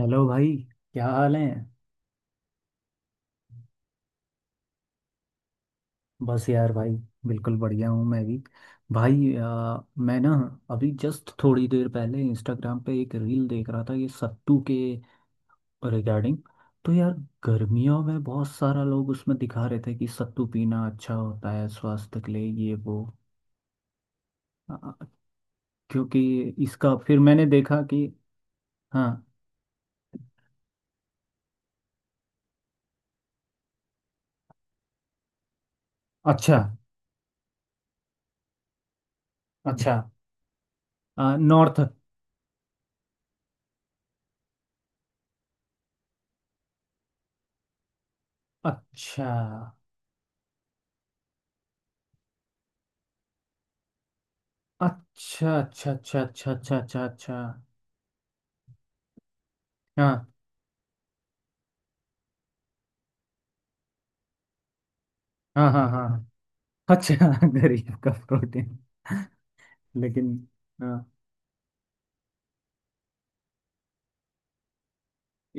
Hello भाई। क्या हाल है। बस यार भाई, बिल्कुल बढ़िया हूँ मैं भी। भाई मैं ना अभी जस्ट थोड़ी देर पहले इंस्टाग्राम पे एक रील देख रहा था ये सत्तू के रिगार्डिंग। तो यार, गर्मियों में बहुत सारा लोग उसमें दिखा रहे थे कि सत्तू पीना अच्छा होता है स्वास्थ्य के लिए, ये वो। आ, क्योंकि इसका फिर मैंने देखा कि। हाँ। अच्छा, अच्छा। नॉर्थ। अच्छा अच्छा अच्छा अच्छा अच्छा अच्छा अच्छा अच्छा। हाँ हाँ हाँ हाँ। अच्छा गरीब का प्रोटीन। लेकिन हाँ,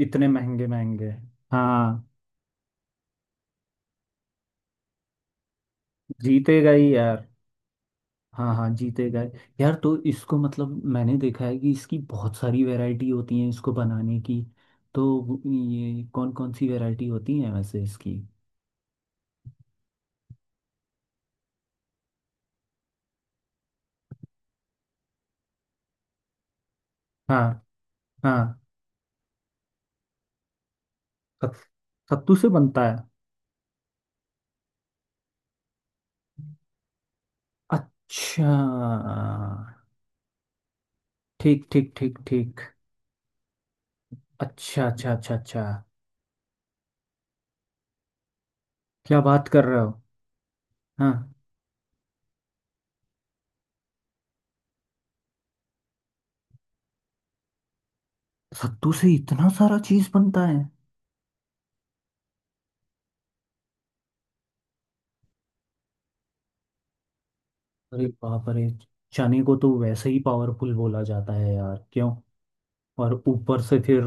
इतने महंगे महंगे। हाँ जीतेगा ही यार। हाँ हाँ जीतेगा ही। यार तो इसको मतलब, मैंने देखा है कि इसकी बहुत सारी वैरायटी होती है इसको बनाने की। तो ये कौन कौन सी वैरायटी होती है वैसे इसकी। हाँ। हाँ। सत- सत्तू से बनता है। अच्छा। ठीक ठीक ठीक ठीक। अच्छा अच्छा अच्छा अच्छा। क्या बात कर रहे हो। हाँ। सत्तू से इतना सारा चीज बनता है। अरे बाप रे। चने को तो वैसे ही पावरफुल बोला जाता है यार, क्यों। और ऊपर से फिर।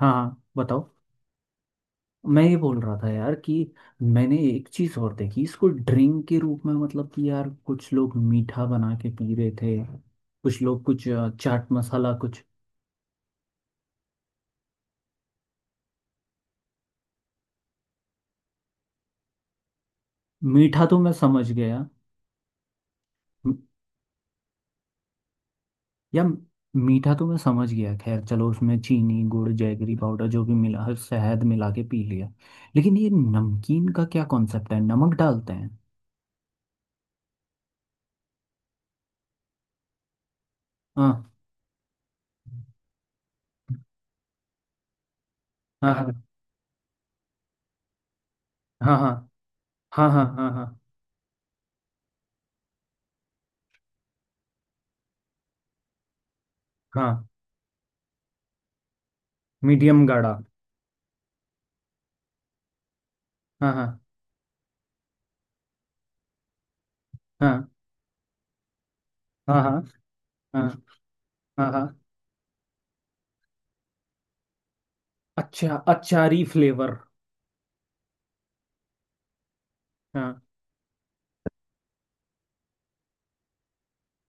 हाँ हाँ, बताओ। मैं ये बोल रहा था यार कि मैंने एक चीज और देखी, इसको ड्रिंक के रूप में मतलब कि यार, कुछ लोग मीठा बना के पी रहे थे। कुछ लोग कुछ चाट मसाला कुछ। मीठा तो मैं समझ गया। या मीठा तो मैं समझ गया, खैर चलो, उसमें चीनी गुड़ जैगरी पाउडर जो भी मिला, हर शहद मिला के पी लिया। लेकिन ये नमकीन का क्या कॉन्सेप्ट है, नमक डालते हैं। हाँ हाँ हाँ हाँ हाँ हाँ हाँ हाँ हाँ हाँ। मीडियम गाढ़ा। हाँ हाँ हाँ हाँ हाँ हाँ हाँ हाँ। अच्छा, अचारी फ्लेवर। हाँ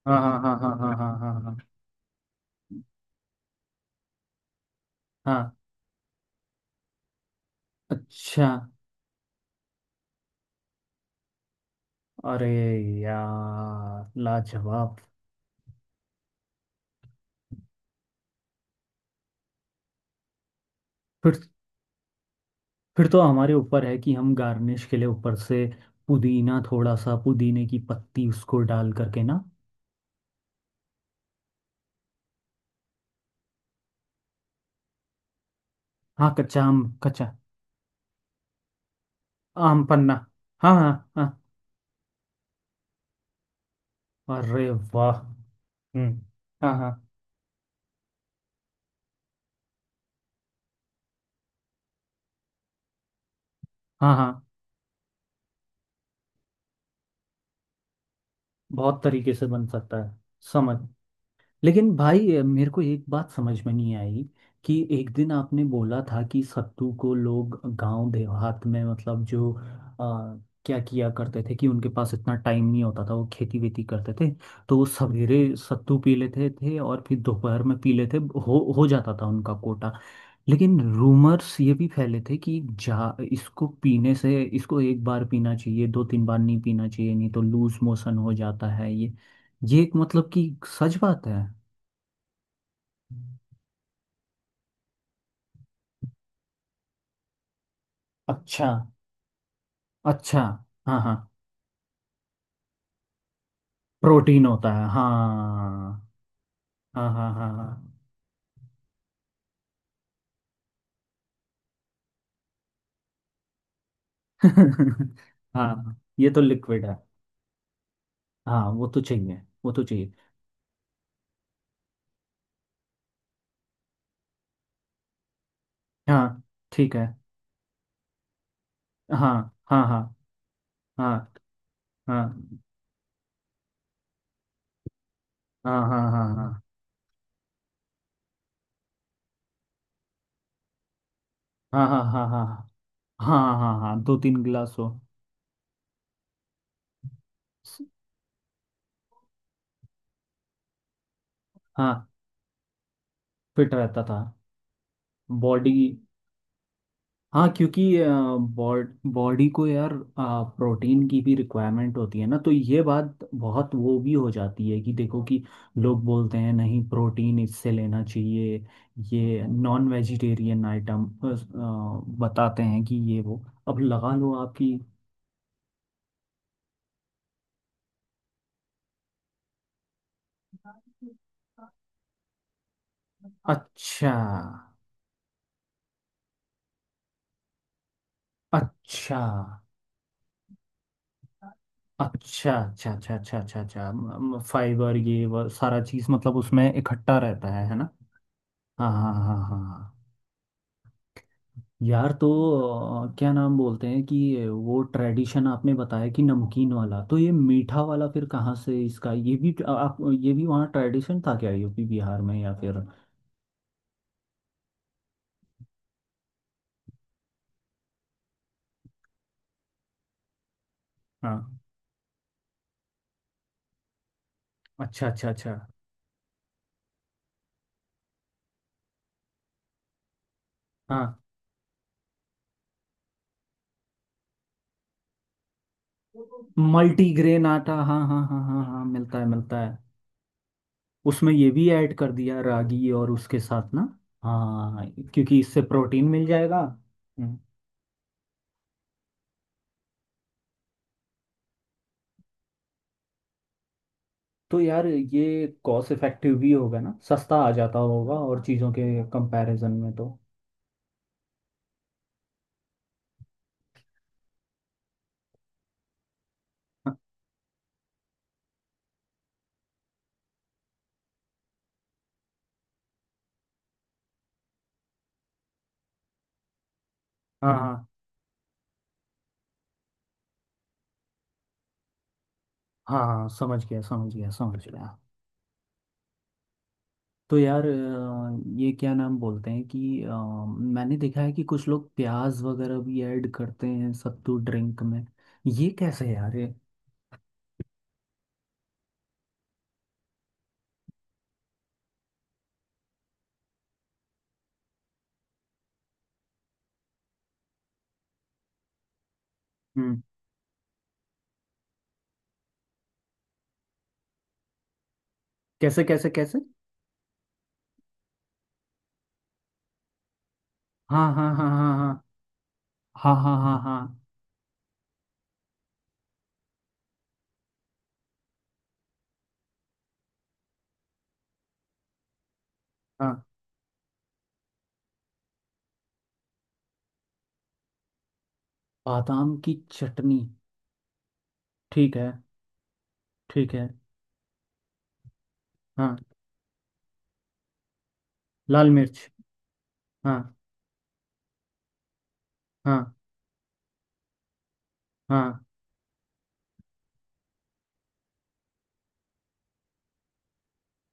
हाँ हाँ हाँ हाँ हाँ हाँ हाँ हाँ हाँ। अच्छा। अरे यार, लाजवाब। फिर तो हमारे ऊपर है कि हम गार्निश के लिए ऊपर से पुदीना, थोड़ा सा पुदीने की पत्ती उसको डाल करके ना। हाँ कच्चा आम, कच्चा आम पन्ना। हाँ हाँ हाँ। अरे वाह। हम्म। हाँ हाँ। हाँ हाँ। बहुत तरीके से बन सकता है। समझ। लेकिन भाई मेरे को एक बात समझ में नहीं आई कि एक दिन आपने बोला था कि सत्तू को लोग गांव देहात में, मतलब जो क्या किया करते थे कि उनके पास इतना टाइम नहीं होता था, वो खेती वेती करते थे, तो वो सवेरे सत्तू पी लेते थे और फिर दोपहर में पी लेते, हो जाता था उनका कोटा। लेकिन रूमर्स ये भी फैले थे कि जा, इसको पीने से इसको एक बार पीना चाहिए, दो तीन बार नहीं पीना चाहिए, नहीं तो लूज मोशन हो जाता है ये। ये एक मतलब कि सच बात है। अच्छा, अच्छा। हाँ हाँ, प्रोटीन होता है हाँ। हाँ हाँ हाँ। हाँ हाँ ये तो लिक्विड है। हाँ वो तो चाहिए, वो तो चाहिए। हाँ। ठीक है। हाँ हाँ हाँ हाँ हाँ हाँ हाँ हाँ हाँ हाँ हाँ हाँ हाँ हाँ हाँ हाँ। हाँ, हाँ, दो तीन गिलास हो। स- हाँ, फिट रहता था। बॉडी। हाँ क्योंकि बॉडी को यार प्रोटीन की भी रिक्वायरमेंट होती है ना, तो ये बात बहुत वो भी हो जाती है कि देखो कि लोग बोलते हैं नहीं, प्रोटीन इससे लेना चाहिए, ये नॉन वेजिटेरियन आइटम। बताते हैं कि ये वो। अब लगा लो आपकी। अच्छा अच्छा अच्छा अच्छा अच्छा अच्छा अच्छा अच्छा, फाइबर ये वो सारा चीज़ मतलब उसमें इकट्ठा रहता है ना। हाँ हाँ हाँ हाँ हाँ। यार, तो क्या नाम बोलते हैं कि वो ट्रेडिशन आपने बताया कि नमकीन वाला, तो ये मीठा वाला फिर कहाँ से, इसका ये भी आप ये भी वहाँ ट्रेडिशन था क्या यूपी बिहार में या फिर। हाँ। अच्छा अच्छा अच्छा। हाँ, मल्टीग्रेन आटा हाँ हाँ हाँ हाँ हाँ, मिलता है मिलता है। उसमें ये भी ऐड कर दिया रागी और उसके साथ ना। हाँ। क्योंकि इससे प्रोटीन मिल जाएगा। तो यार ये कॉस्ट इफेक्टिव भी होगा ना, सस्ता आ जाता होगा और चीज़ों के कंपैरिजन में तो। हाँ है। हाँ ना। हाँ हाँ, समझ गया समझ गया समझ गया। तो यार ये क्या नाम बोलते हैं कि मैंने देखा है कि कुछ लोग प्याज वगैरह भी ऐड करते हैं सत्तू ड्रिंक में। ये कैसे यार ये। हम्म। कैसे कैसे कैसे। हाँ हाँ हाँ हाँ हाँ हाँ हाँ हाँ हाँ हाँ हाँ। बादाम की चटनी। ठीक है। ठीक है। हाँ। लाल मिर्च। हाँ हाँ हाँ।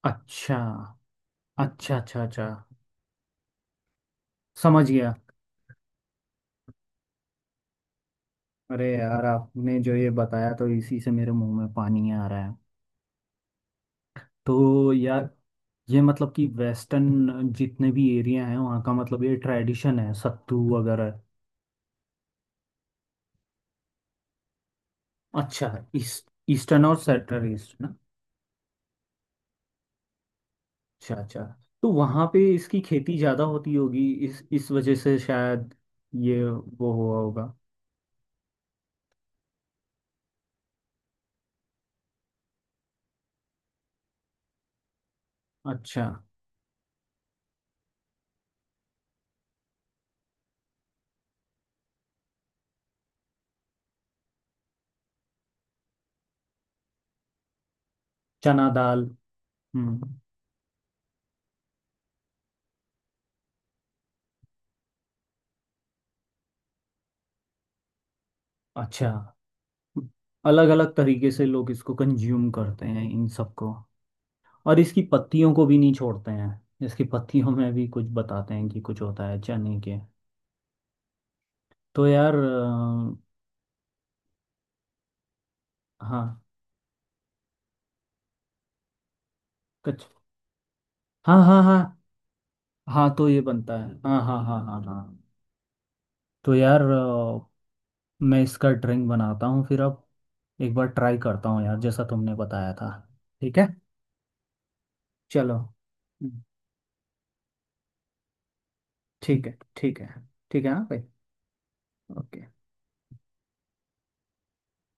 अच्छा अच्छा अच्छा अच्छा। समझ गया। अरे यार, आपने जो ये बताया तो इसी से मेरे मुंह में पानी आ रहा है। तो यार ये मतलब कि वेस्टर्न जितने भी एरिया हैं वहाँ का, मतलब ये ट्रेडिशन है सत्तू वगैरह। अच्छा। ईस्ट, ईस्टर्न और सेंट्रल ईस्ट ना। अच्छा अच्छा। तो वहाँ पे इसकी खेती ज़्यादा होती होगी इस वजह से शायद ये वो हुआ होगा। अच्छा। चना दाल। हम्म। अच्छा, अलग अलग तरीके से लोग इसको कंज्यूम करते हैं इन सबको। और इसकी पत्तियों को भी नहीं छोड़ते हैं। इसकी पत्तियों में भी कुछ बताते हैं कि कुछ होता है चने के। तो यार हाँ। कच। हाँ हाँ हाँ। हाँ तो ये बनता है हाँ हाँ हाँ हाँ हाँ। तो यार मैं इसका ड्रिंक बनाता हूँ फिर अब, एक बार ट्राई करता हूँ यार जैसा तुमने बताया था। ठीक है। चलो। हम्म। ठीक है ठीक है। ठीक है हाँ भाई। ओके।